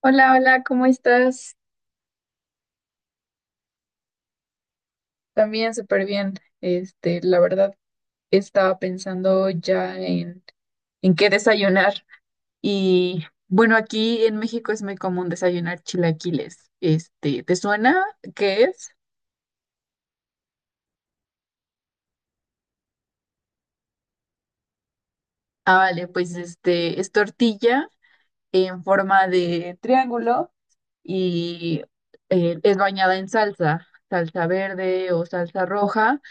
Hola, hola, ¿cómo estás? También súper bien. La verdad, estaba pensando ya en qué desayunar. Y bueno, aquí en México es muy común desayunar chilaquiles. ¿Te suena? ¿Qué es? Ah, vale, pues este es tortilla en forma de triángulo y es bañada en salsa, salsa verde o salsa roja.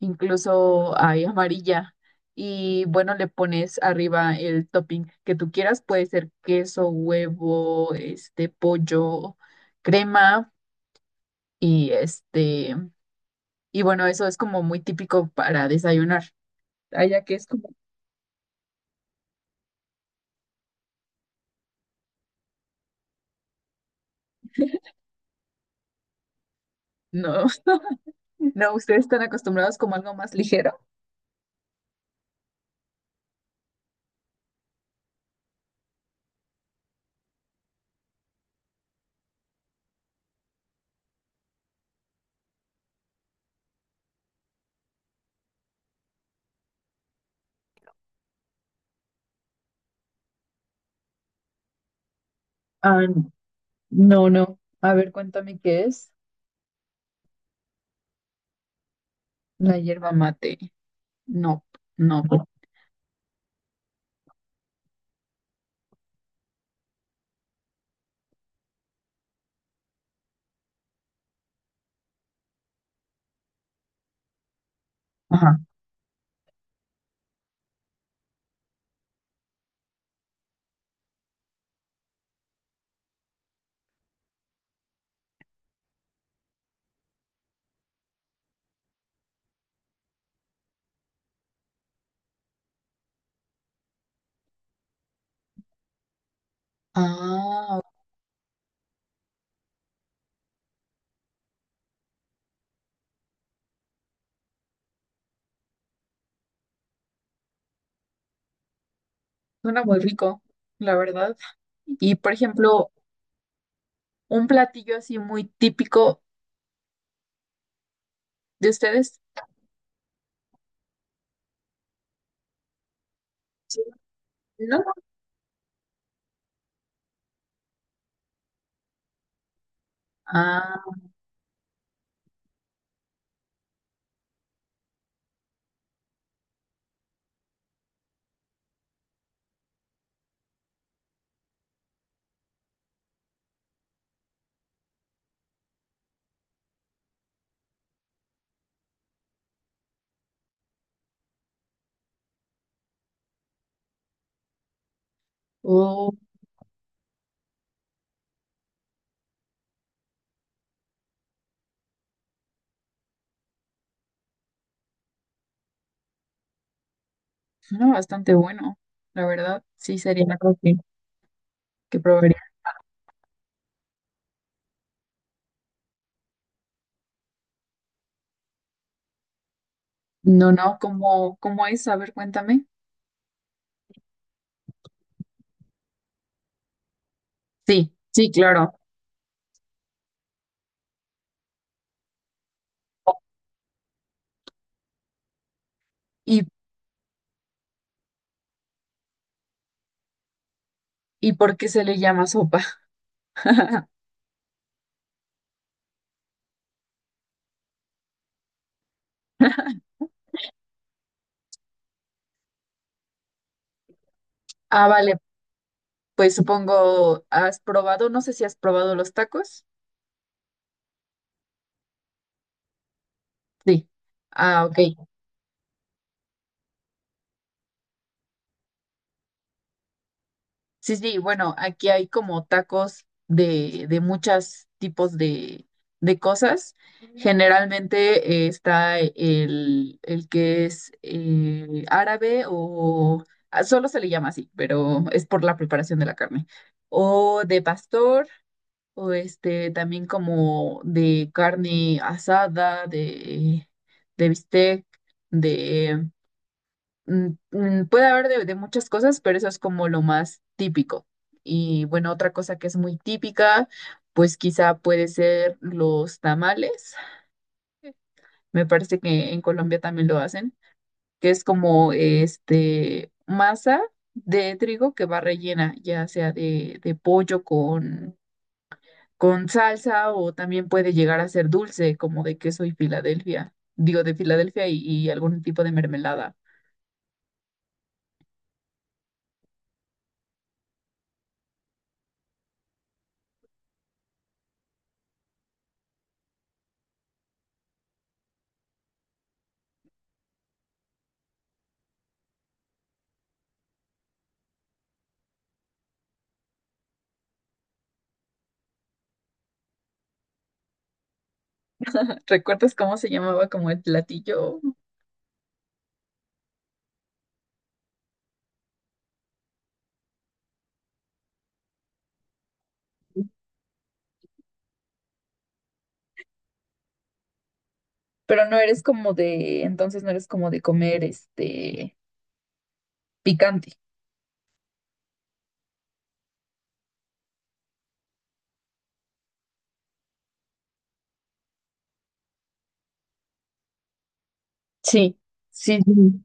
Incluso hay amarilla. Y bueno, le pones arriba el topping que tú quieras, puede ser queso, huevo, pollo, crema y este y bueno, eso es como muy típico para desayunar. Allá que es como. No. No, ustedes están acostumbrados como algo más ligero. Ah, no, no. A ver, cuéntame qué es. La hierba mate. No, no. Ajá. Ah, suena muy rico, la verdad. Y por ejemplo, un platillo así muy típico de ustedes. Sí. ¿No? Ah, oh. No, bastante bueno, la verdad, sí sería algo que probaría. No, no, ¿cómo es? A ver, cuéntame. Sí, sí, claro. ¿Y, y por qué se le llama sopa? Ah, vale, pues supongo, ¿has probado? No sé si has probado los tacos. Sí. Ah, ok. Sí, sí, bueno, aquí hay como tacos de muchos tipos de cosas. Generalmente está el que es árabe o solo se le llama así, pero es por la preparación de la carne. O de pastor, o también como de carne asada, de bistec. Puede haber de muchas cosas, pero eso es como lo más típico. Y bueno, otra cosa que es muy típica, pues quizá puede ser los tamales. Me parece que en Colombia también lo hacen, que es como masa de trigo que va rellena, ya sea de pollo con salsa o también puede llegar a ser dulce, como de queso y Filadelfia. Digo, de Filadelfia y algún tipo de mermelada. ¿Recuerdas cómo se llamaba como el platillo? Pero no eres como entonces no eres como de comer este picante. Sí, sí, sí.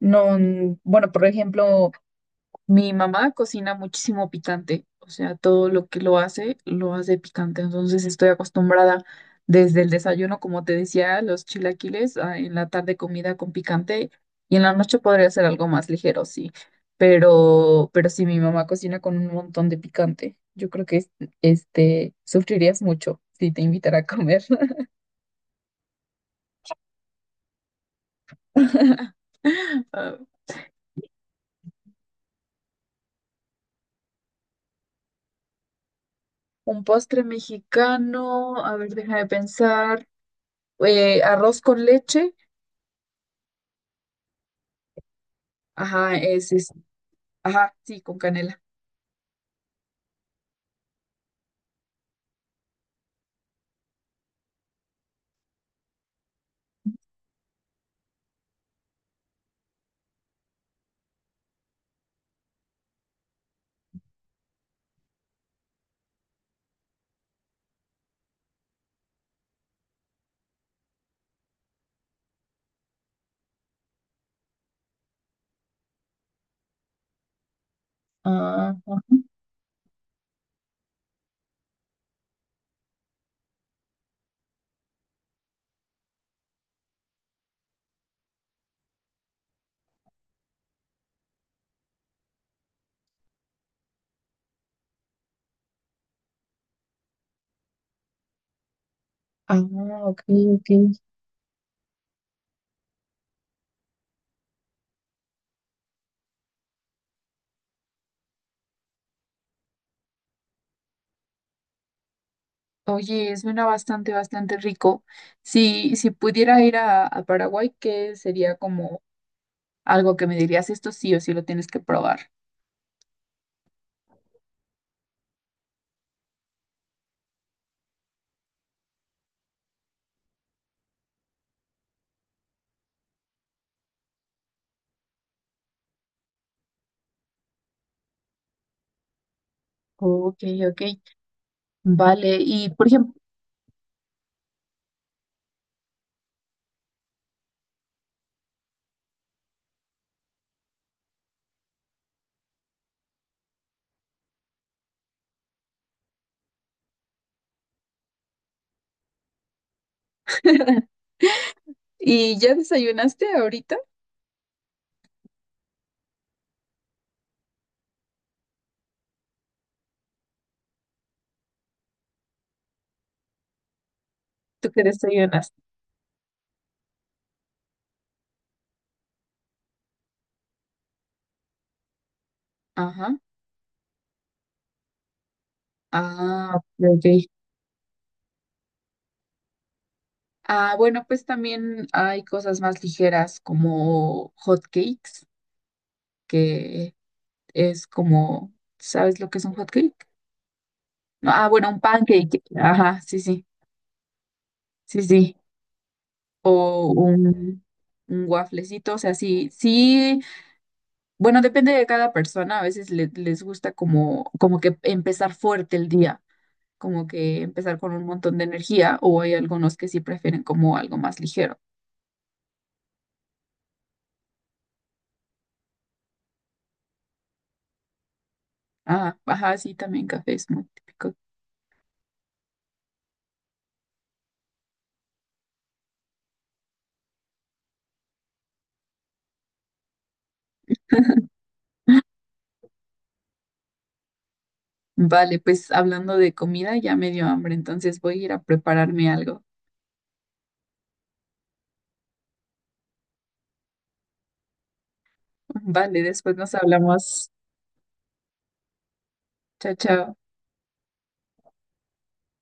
No, bueno, por ejemplo, mi mamá cocina muchísimo picante, o sea, todo lo que lo hace picante. Entonces estoy acostumbrada desde el desayuno, como te decía, los chilaquiles, en la tarde comida con picante y en la noche podría ser algo más ligero, sí. Pero sí, mi mamá cocina con un montón de picante. Yo creo que sufrirías mucho si te invitara a comer. Ah, un postre mexicano, a ver, déjame pensar. Arroz con leche. Ajá, ajá, sí, con canela. Ah, ajá. Ah, ok, ok. Oye, suena bastante, bastante rico. Si pudiera ir a Paraguay, ¿qué sería como algo que me dirías? Esto sí o sí lo tienes que probar. Ok, ok. Vale, y por ejemplo, ¿y ya desayunaste ahorita? ¿Tú qué desayunaste? Ajá. Ah, ok. Ok. Ah, bueno, pues también hay cosas más ligeras como hot cakes, que es como, ¿sabes lo que es un hot cake? No, ah, bueno, un pancake. Ajá, sí, sí, sí, sí. O un wafflecito, o sea, sí, sí. Bueno, depende de cada persona. A veces les gusta como que empezar fuerte el día, como que empezar con un montón de energía, o hay algunos que sí prefieren como algo más ligero. Ah, ajá, sí, también café es muy típico. Vale, pues hablando de comida, ya me dio hambre, entonces voy a ir a prepararme algo. Vale, después nos hablamos. Chao, chao.